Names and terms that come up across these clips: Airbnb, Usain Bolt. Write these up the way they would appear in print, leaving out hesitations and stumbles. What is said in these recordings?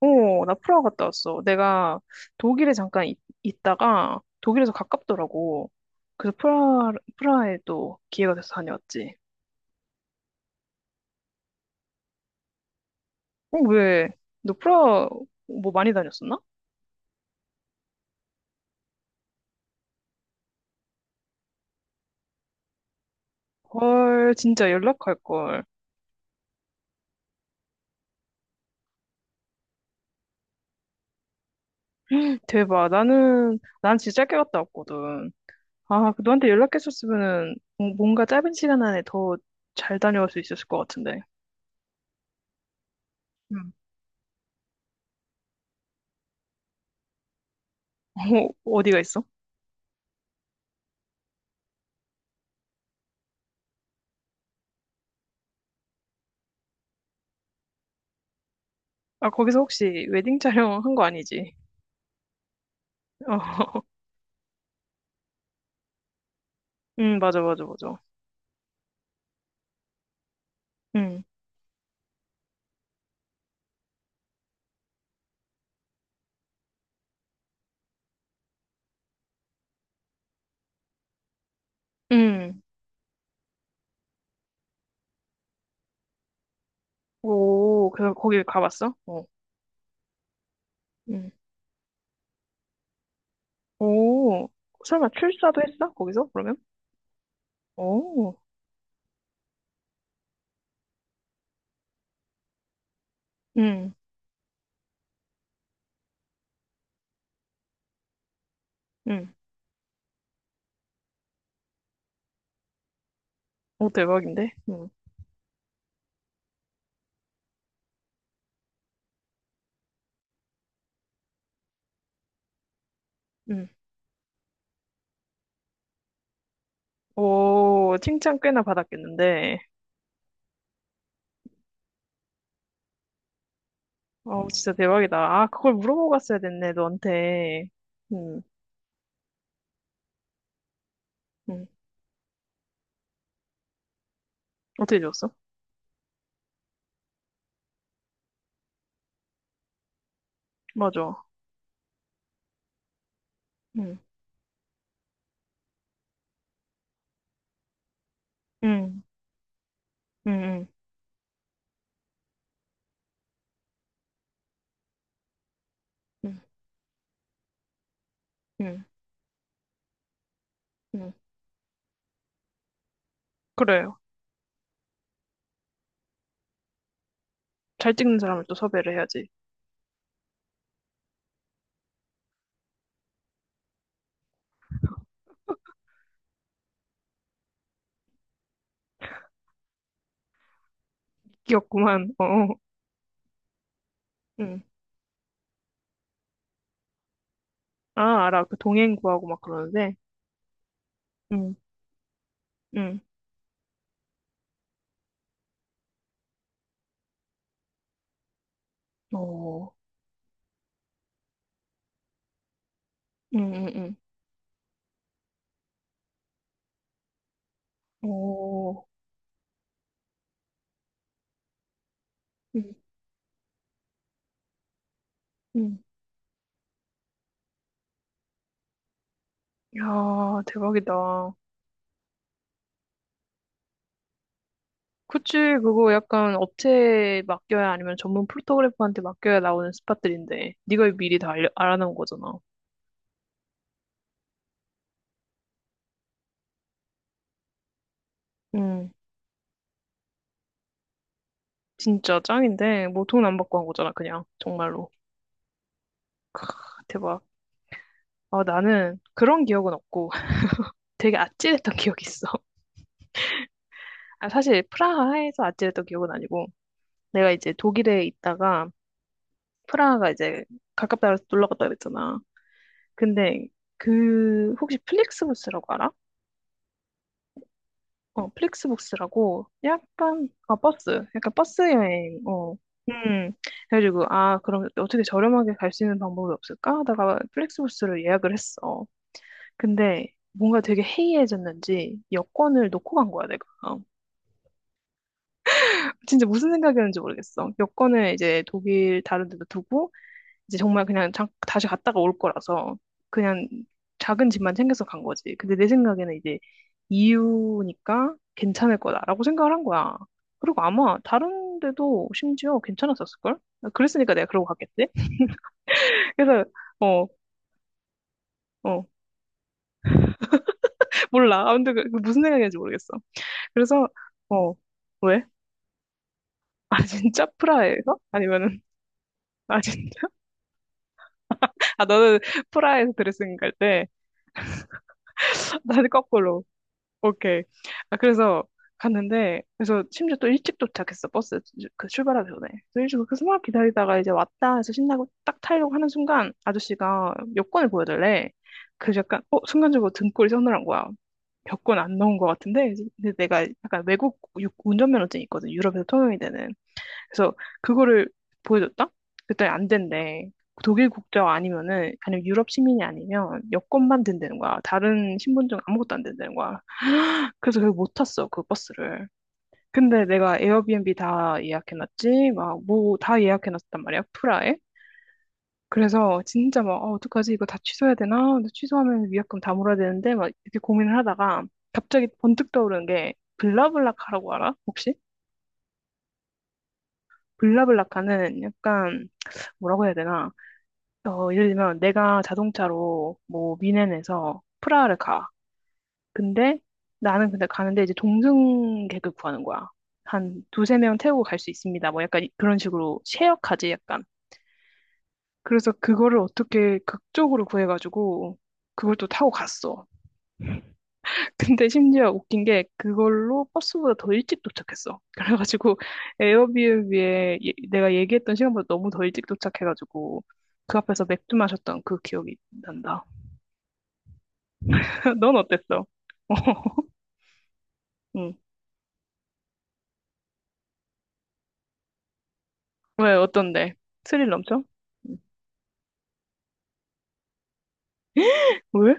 어, 나 프라하 갔다 왔어. 내가 독일에 잠깐 있다가 독일에서 가깝더라고. 그래서 프라하에 또 기회가 돼서 다녀왔지. 어, 왜? 너 프라하 뭐 많이 다녔었나? 헐, 진짜 연락할 걸. 대박. 난 진짜 짧게 갔다 왔거든. 아, 그 너한테 연락했었으면은 뭔가 짧은 시간 안에 더 잘 다녀올 수 있었을 것 같은데. 응. 어, 어디가 있어? 아, 거기서 혹시 웨딩 촬영 한 거 아니지? 어, 응, 맞아, 맞아, 맞아. 응. 응. 오, 그, 거기 가봤어? 어. 응. 오, 설마 출사도 했어? 거기서? 그러면? 오, 응, 응. 오, 대박인데? 응, 응. 오, 칭찬 꽤나 받았겠는데. 어, 진짜 대박이다. 아, 그걸 물어보고 갔어야 됐네, 너한테. 응, 응. 어떻게 줬어? 맞아. 응, 응, 응, 응, 응, 응. 그래요. 잘 찍는 사람을 또 섭외를 해야지. 귀엽구만. 어, 응. 아, 알아. 그 동행 구하고 막 그러는데. 응, 응. 어, 응응응. 오, 응, 응. 야, 대박이다. 그치, 그거 약간 업체에 맡겨야 아니면 전문 포토그래퍼한테 맡겨야 나오는 스팟들인데, 네가 미리 다 알아놓은 거잖아. 응, 진짜 짱인데, 뭐 돈 안 받고 한 거잖아, 그냥. 정말로. 아, 대박. 아, 나는 그런 기억은 없고, 되게 아찔했던 기억이 있어. 아, 사실 프라하에서 아찔했던 기억은 아니고, 내가 이제 독일에 있다가, 프라하가 이제 가깝다 그래서 놀러 갔다 그랬잖아. 근데 그 혹시 플릭스부스라고 알아? 어, 플릭스부스라고 약간 아 버스, 약간 버스 여행. 어. 음. 그래가지고 아 그럼 어떻게 저렴하게 갈 수 있는 방법이 없을까 하다가 플릭스부스를 예약을 했어. 근데 뭔가 되게 해이해졌는지 여권을 놓고 간 거야 내가. 진짜 무슨 생각이었는지 모르겠어. 여권을 이제 독일 다른 데도 두고 이제 정말 그냥 다시 갔다가 올 거라서 그냥 작은 집만 챙겨서 간 거지. 근데 내 생각에는 이제 이유니까 괜찮을 거다라고 생각을 한 거야. 그리고 아마 다른 데도 심지어 괜찮았었을걸? 아, 그랬으니까 내가 그러고 갔겠지? 그래서, 어, 어, 몰라. 아무튼 그 무슨 생각인지 모르겠어. 그래서, 어, 왜? 아, 진짜? 프라하에서? 아니면은, 아, 진짜? 아, 너는 프라하에서 드레싱 갈 때, 나는 거꾸로. 오케이. 아, 그래서 갔는데, 그래서 심지어 또 일찍 도착했어, 그 출발하기 전에. 그래서 일찍 그렇게 막 기다리다가 이제 왔다 해서 신나고 딱 타려고 하는 순간 아저씨가 여권을 보여달래. 그래서 약간, 어, 순간적으로 등골이 서늘한 거야. 여권 안 넣은 것 같은데, 근데 내가 약간 외국 운전면허증이 있거든, 유럽에서 통용이 되는. 그래서 그거를 보여줬다? 그때 안 된대. 독일 국적 아니면은, 아니면 유럽 시민이 아니면 여권만 된다는 거야. 다른 신분증 아무것도 안 된다는 거야. 그래서 결국 못 탔어, 그 버스를. 근데 내가 에어비앤비 다 예약해놨지, 막, 뭐, 다 예약해놨단 말이야, 프라에. 그래서 진짜 막, 어, 어떡하지, 이거 다 취소해야 되나? 근데 취소하면 위약금 다 물어야 되는데, 막, 이렇게 고민을 하다가, 갑자기 번뜩 떠오르는 게, 블라블라카라고 알아? 혹시? 블라블라카는 약간, 뭐라고 해야 되나? 어, 예를 들면, 내가 자동차로, 뭐, 미넨에서 프라하를 가. 근데 나는 근데 가는데 이제 동승객을 구하는 거야. 한 두세 명 태우고 갈 수 있습니다. 뭐 약간 그런 식으로 쉐어카지 약간. 그래서 그거를 어떻게 극적으로 구해가지고 그걸 또 타고 갔어. 근데 심지어 웃긴 게 그걸로 버스보다 더 일찍 도착했어. 그래가지고 에어비앤비에 내가 얘기했던 시간보다 너무 더 일찍 도착해가지고 그 앞에서 맥주 마셨던 그 기억이 난다. 넌 어땠어? 응. 왜 어떤데? 스릴 넘쳐? 응. 왜?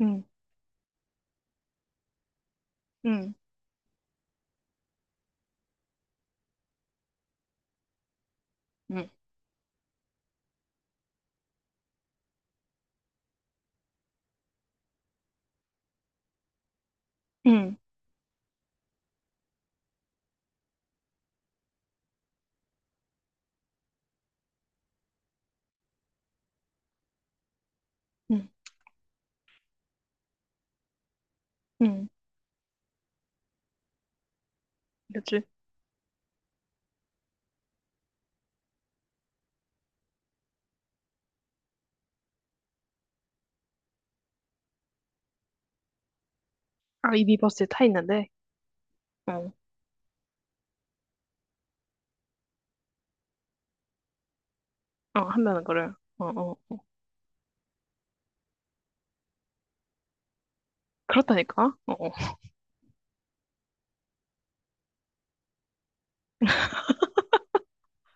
응, 응, 응, 응, 응, 응. 그치? 아, 이 미버스에 타 있는데, 어, 어, 한 명은 그래. 어, 어. 그렇다니까? 어, 어.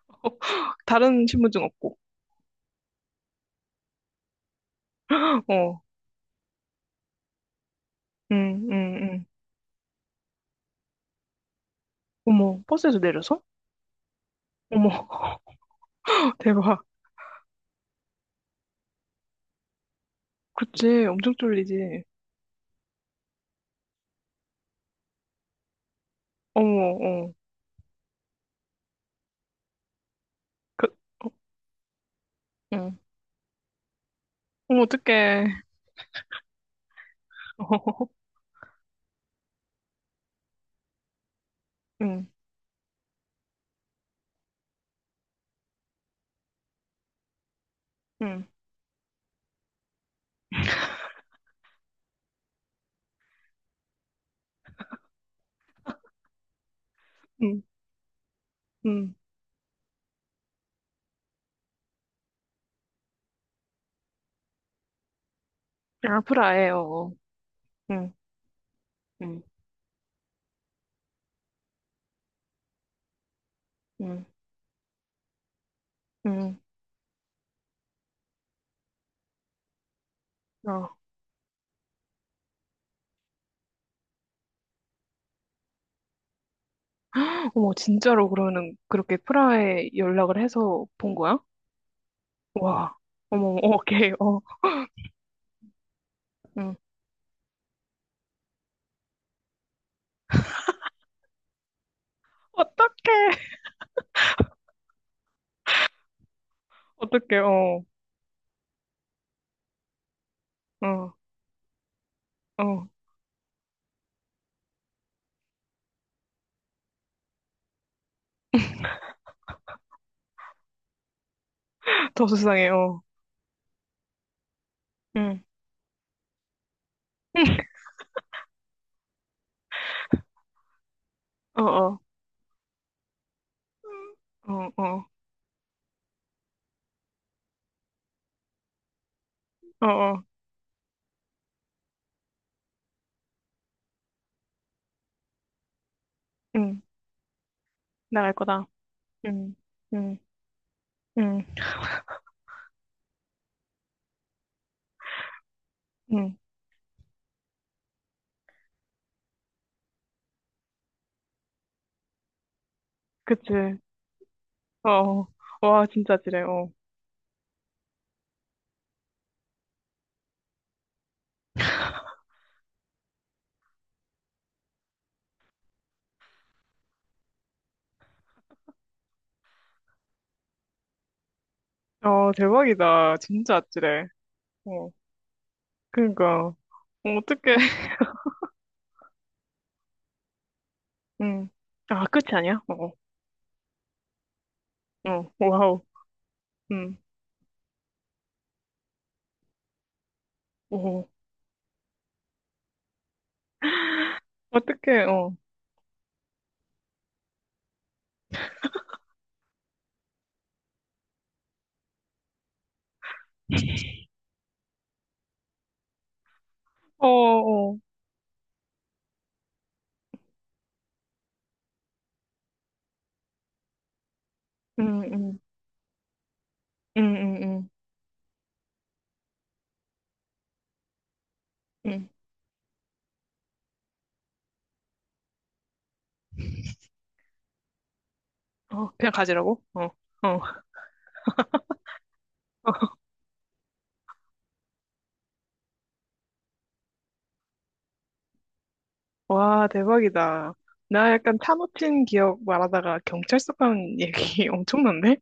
다른 신분증 없고. 어, 응, 응, 응. 어머, 버스에서 내려서? 어머, 대박. 그치, 엄청 쫄리지. 어머, 어. 그, 어, 응. 어머, 어떡해. 어, 응, 응, 응, 응. 아, 프라해, 어. 어. 응, 응, 응, 응. 어, 어머, 진짜로 그러면 그렇게 프라하에 연락을 해서 본 거야? 와, 어머, 어머, 오케이, 어, 응. 어떡해, 어떡해, 어, 어, 어, 더 수상해, 어, 응, 어, 어, 어, 어, 어, 어, 응, 나갈 거다, 응, 응, 응, 응, 그치, 어, 어. 와, 진짜 아찔해, 어, 어, 대박이다, 진짜 아찔해, 어, 그니까, 어, 어떡해, 응, 아, 끝이 아니야? 어, 어, 어, 와우, 응, 오. 어떡해, 어. 어, 어. 응, 응, 응, 응, 응. 응. 어, 그냥 가지라고? 어, 어. 와, 대박이다. 나 약간 차 놓친 기억 말하다가 경찰서 간 얘기 엄청난데?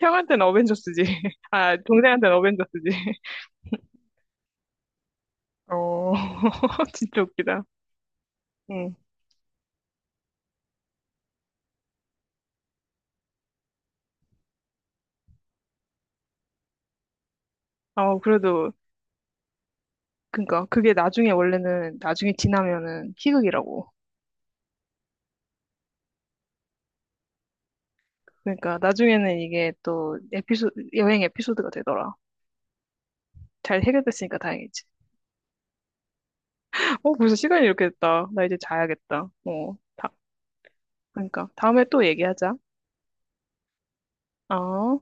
형한테는 어벤져스지. 아, 동생한테는 어벤져스지. 어, 진짜 웃기다. 응. 어, 그래도, 그니까, 그게 나중에 원래는, 나중에 지나면은 희극이라고. 그러니까, 나중에는 이게 또 에피소드, 여행 에피소드가 되더라. 잘 해결됐으니까 다행이지. 어, 벌써 시간이 이렇게 됐다. 나 이제 자야겠다. 어, 다, 그러니까 다음에 또 얘기하자. 어.